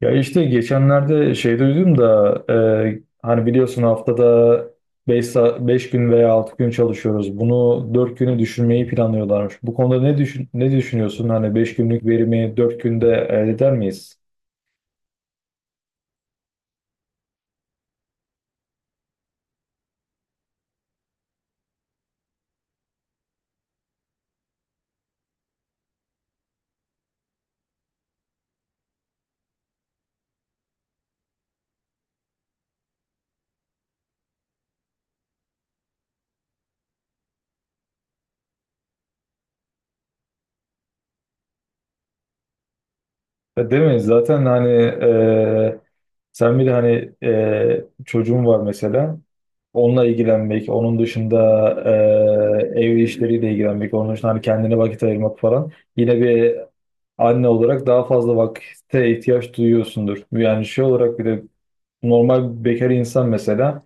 Ya işte geçenlerde şey duydum da hani biliyorsun haftada 5 5 gün veya 6 gün çalışıyoruz. Bunu 4 günü düşürmeyi planlıyorlarmış. Bu konuda ne düşünüyorsun? Hani 5 günlük verimi 4 günde elde eder miyiz? Ya, değil mi? Zaten hani sen bir de hani çocuğun var mesela. Onunla ilgilenmek, onun dışında ev işleriyle ilgilenmek, onun dışında hani kendine vakit ayırmak falan. Yine bir anne olarak daha fazla vakte ihtiyaç duyuyorsundur. Yani şey olarak bir de normal bekar insan mesela.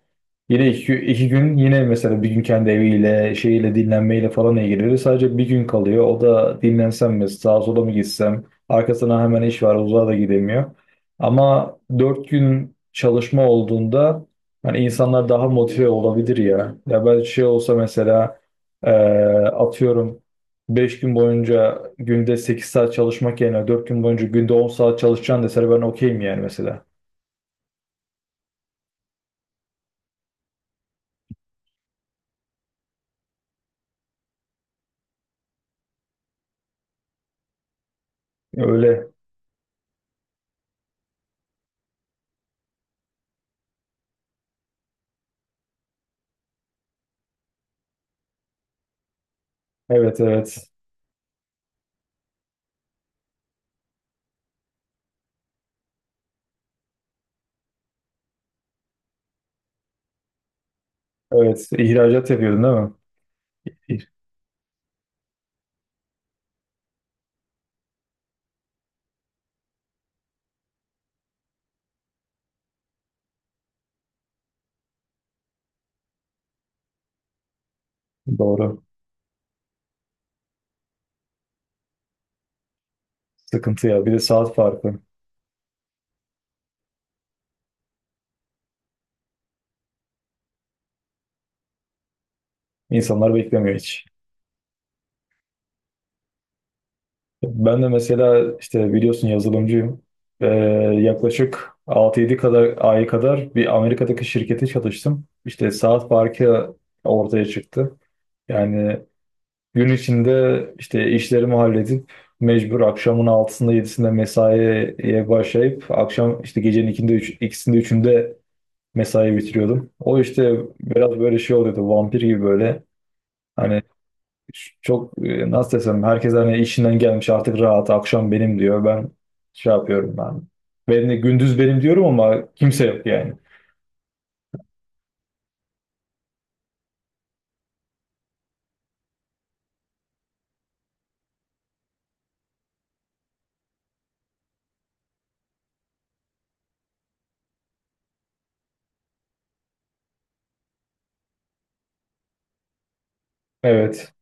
Yine iki gün yine mesela bir gün kendi eviyle şeyiyle dinlenmeyle falan ilgileniyor. Sadece bir gün kalıyor. O da dinlensem mi sağa sola mı gitsem arkasına hemen iş var uzağa da gidemiyor. Ama 4 gün çalışma olduğunda hani insanlar daha motive olabilir ya. Ya ben şey olsa mesela eee, atıyorum 5 gün boyunca günde 8 saat çalışmak yerine 4 gün boyunca günde 10 saat çalışacaksın deseler ben okeyim yani mesela. Öyle. Evet, evet. Evet, ihracat yapıyordun değil mi? İyi. Doğru. Sıkıntı ya. Bir de saat farkı. İnsanlar beklemiyor hiç. Ben de mesela işte biliyorsun yazılımcıyım. Ee, Yaklaşık 6-7 ay kadar bir Amerika'daki şirkete çalıştım. İşte saat farkı ortaya çıktı. Yani gün içinde işte işlerimi halledip mecbur akşamın 6'sında 7'sinde mesaiye başlayıp akşam işte gecenin 2'sinde 3, 2'sinde 3'ünde mesai bitiriyordum. O işte biraz böyle şey oluyordu vampir gibi böyle hani çok nasıl desem herkes hani işinden gelmiş artık rahat akşam benim diyor ben şey yapıyorum ben. Benim gündüz benim diyorum ama kimse yok yani. Evet.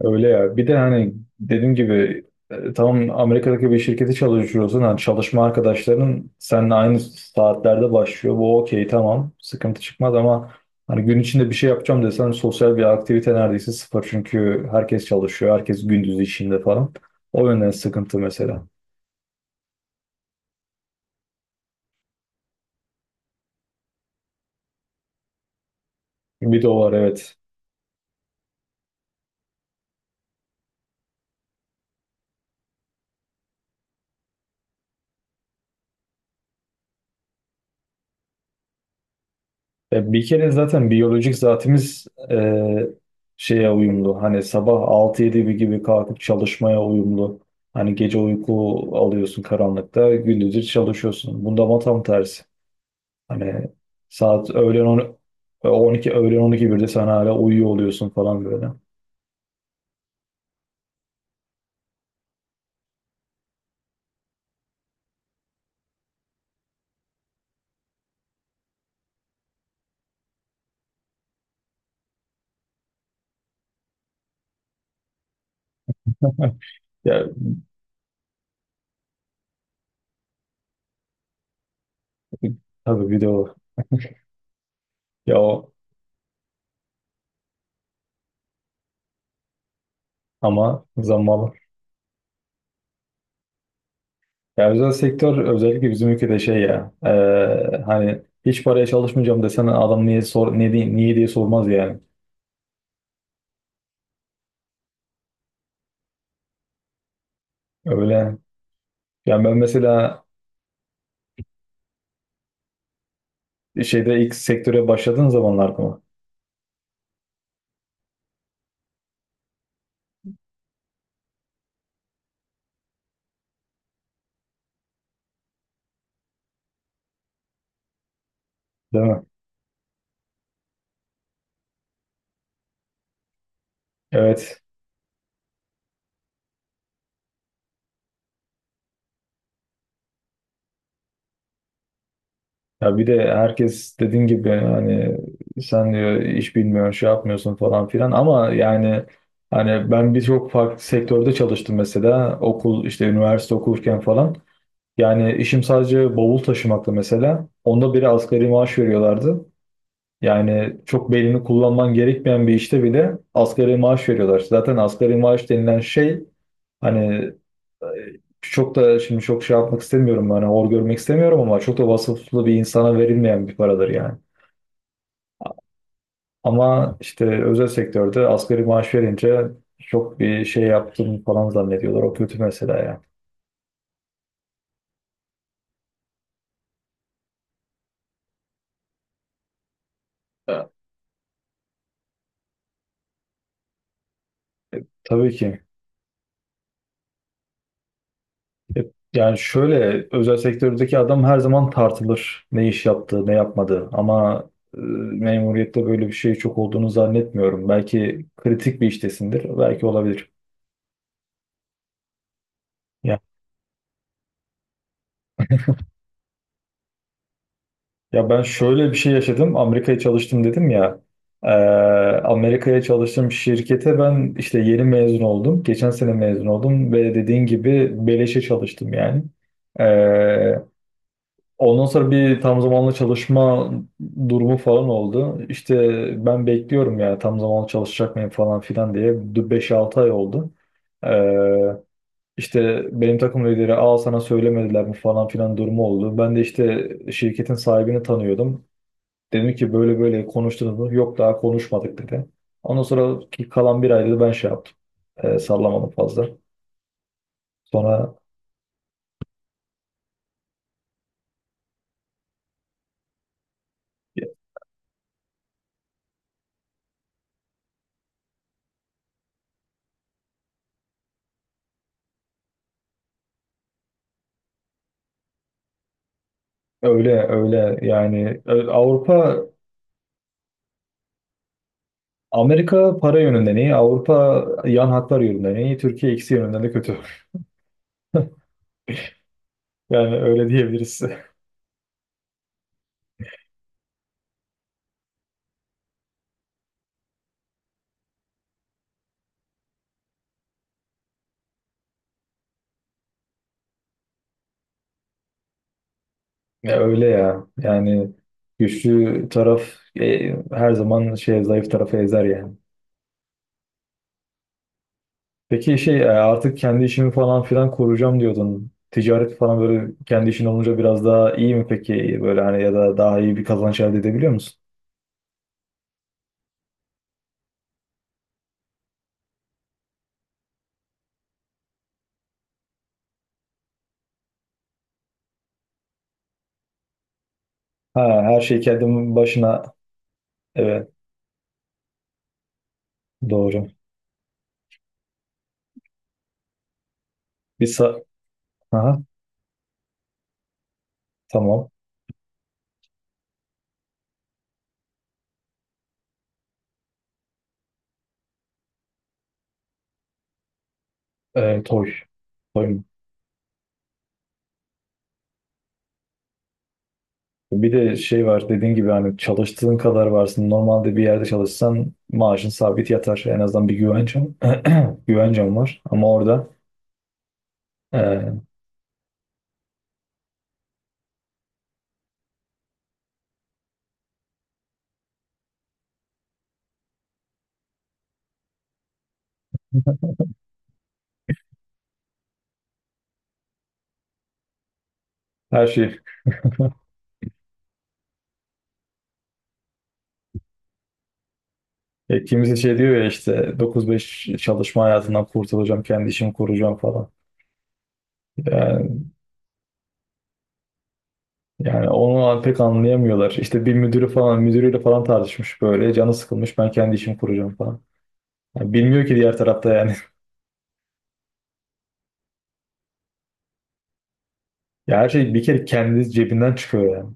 Öyle ya. Bir de hani dediğim gibi tamam Amerika'daki bir şirkete çalışıyorsun. Hani çalışma arkadaşların seninle aynı saatlerde başlıyor. Bu okey, tamam. Sıkıntı çıkmaz ama hani gün içinde bir şey yapacağım desen sosyal bir aktivite neredeyse sıfır. Çünkü herkes çalışıyor. Herkes gündüz işinde falan. O yönden sıkıntı mesela. Bir de o var, evet. Ya bir kere zaten biyolojik zatimiz şeye uyumlu. Hani sabah 6-7 gibi kalkıp çalışmaya uyumlu. Hani gece uyku alıyorsun karanlıkta, gündüzü çalışıyorsun. Bunda ama tam tersi. Hani saat öğlen 12 öğlen 12 1'de sen hala uyuyor oluyorsun falan böyle. Ya tabii bir de o. Ya, o ama zamanla. Ya özel sektör özellikle bizim ülkede şey ya hani hiç paraya çalışmayacağım desen adam niye sor ne diye, niye diye sormaz yani. Öyle. Yani ben mesela şeyde ilk sektöre başladığın zamanlarda mı? Değil mi? Evet. Ya bir de herkes dediğin gibi hani sen diyor iş bilmiyorsun, şey yapmıyorsun falan filan ama yani hani ben birçok farklı sektörde çalıştım mesela okul işte üniversite okurken falan. Yani işim sadece bavul taşımaktı mesela. Onda biri asgari maaş veriyorlardı. Yani çok belini kullanman gerekmeyen bir işte bile asgari maaş veriyorlar. Zaten asgari maaş denilen şey hani e, çok da şimdi çok şey yapmak istemiyorum hani hor görmek istemiyorum ama çok da vasıflı bir insana verilmeyen bir paradır yani. Ama işte özel sektörde asgari maaş verince çok bir şey yaptım falan zannediyorlar. O kötü mesela yani. Ha. Tabii ki. E, Yani şöyle özel sektördeki adam her zaman tartılır. Ne iş yaptı ne yapmadı. Ama e, memuriyette böyle bir şey çok olduğunu zannetmiyorum. Belki kritik bir iştesindir. Belki olabilir. Ya, ya, ben şöyle bir şey yaşadım. Amerika'ya çalıştım dedim ya. E, Amerika'ya çalıştığım şirkete ben işte yeni mezun oldum. Geçen sene mezun oldum ve dediğin gibi beleşe çalıştım yani. E, Ondan sonra bir tam zamanlı çalışma durumu falan oldu. İşte ben bekliyorum ya tam zamanlı çalışacak mıyım falan filan diye. 5-6 ay oldu. Ee, işte benim takım lideri al sana söylemediler mi falan filan durumu oldu. Ben de işte şirketin sahibini tanıyordum. Dedim ki, böyle böyle konuştunuz mu? Yok, daha konuşmadık dedi. Ondan sonra ki kalan bir ayda da ben şey yaptım. Sallamadım fazla. Sonra öyle öyle yani Avrupa. Amerika para yönünden iyi, Avrupa yan hatlar yönünden iyi, Türkiye ikisi yönünden de kötü. Yani öyle diyebiliriz. Ya öyle ya. Yani güçlü taraf her zaman şey zayıf tarafı ezer yani. Peki şey artık kendi işimi falan filan kuracağım diyordun. Ticaret falan böyle kendi işin olunca biraz daha iyi mi peki? Böyle hani ya da daha iyi bir kazanç elde edebiliyor musun? Ha, her şey kendi başına. Evet, doğru. Bir sa Aha, tamam. Toy. Toy, bir de şey var dediğin gibi hani çalıştığın kadar varsın. Normalde bir yerde çalışsan maaşın sabit yatar. En azından bir güvencem, güvencem var. Ama orada e, her şey. Kimisi şey diyor ya işte 9-5 çalışma hayatından kurtulacağım, kendi işimi kuracağım falan. Yani, yani, onu pek anlayamıyorlar. İşte bir müdürü falan, müdürüyle falan tartışmış böyle. Canı sıkılmış ben kendi işimi kuracağım falan. Yani bilmiyor ki diğer tarafta yani. Ya her şey bir kere kendi cebinden çıkıyor yani.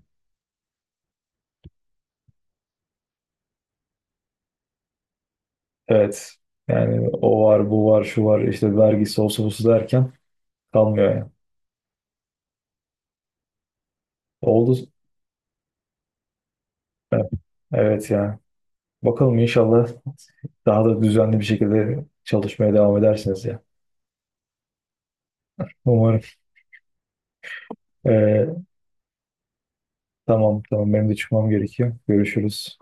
Evet. Yani o var, bu var, şu var, işte vergisi olsa busu derken kalmıyor yani. Oldu. Evet, evet yani. Bakalım inşallah daha da düzenli bir şekilde çalışmaya devam edersiniz ya. Umarım. Ee, tamam, tamam, benim de çıkmam gerekiyor. Görüşürüz.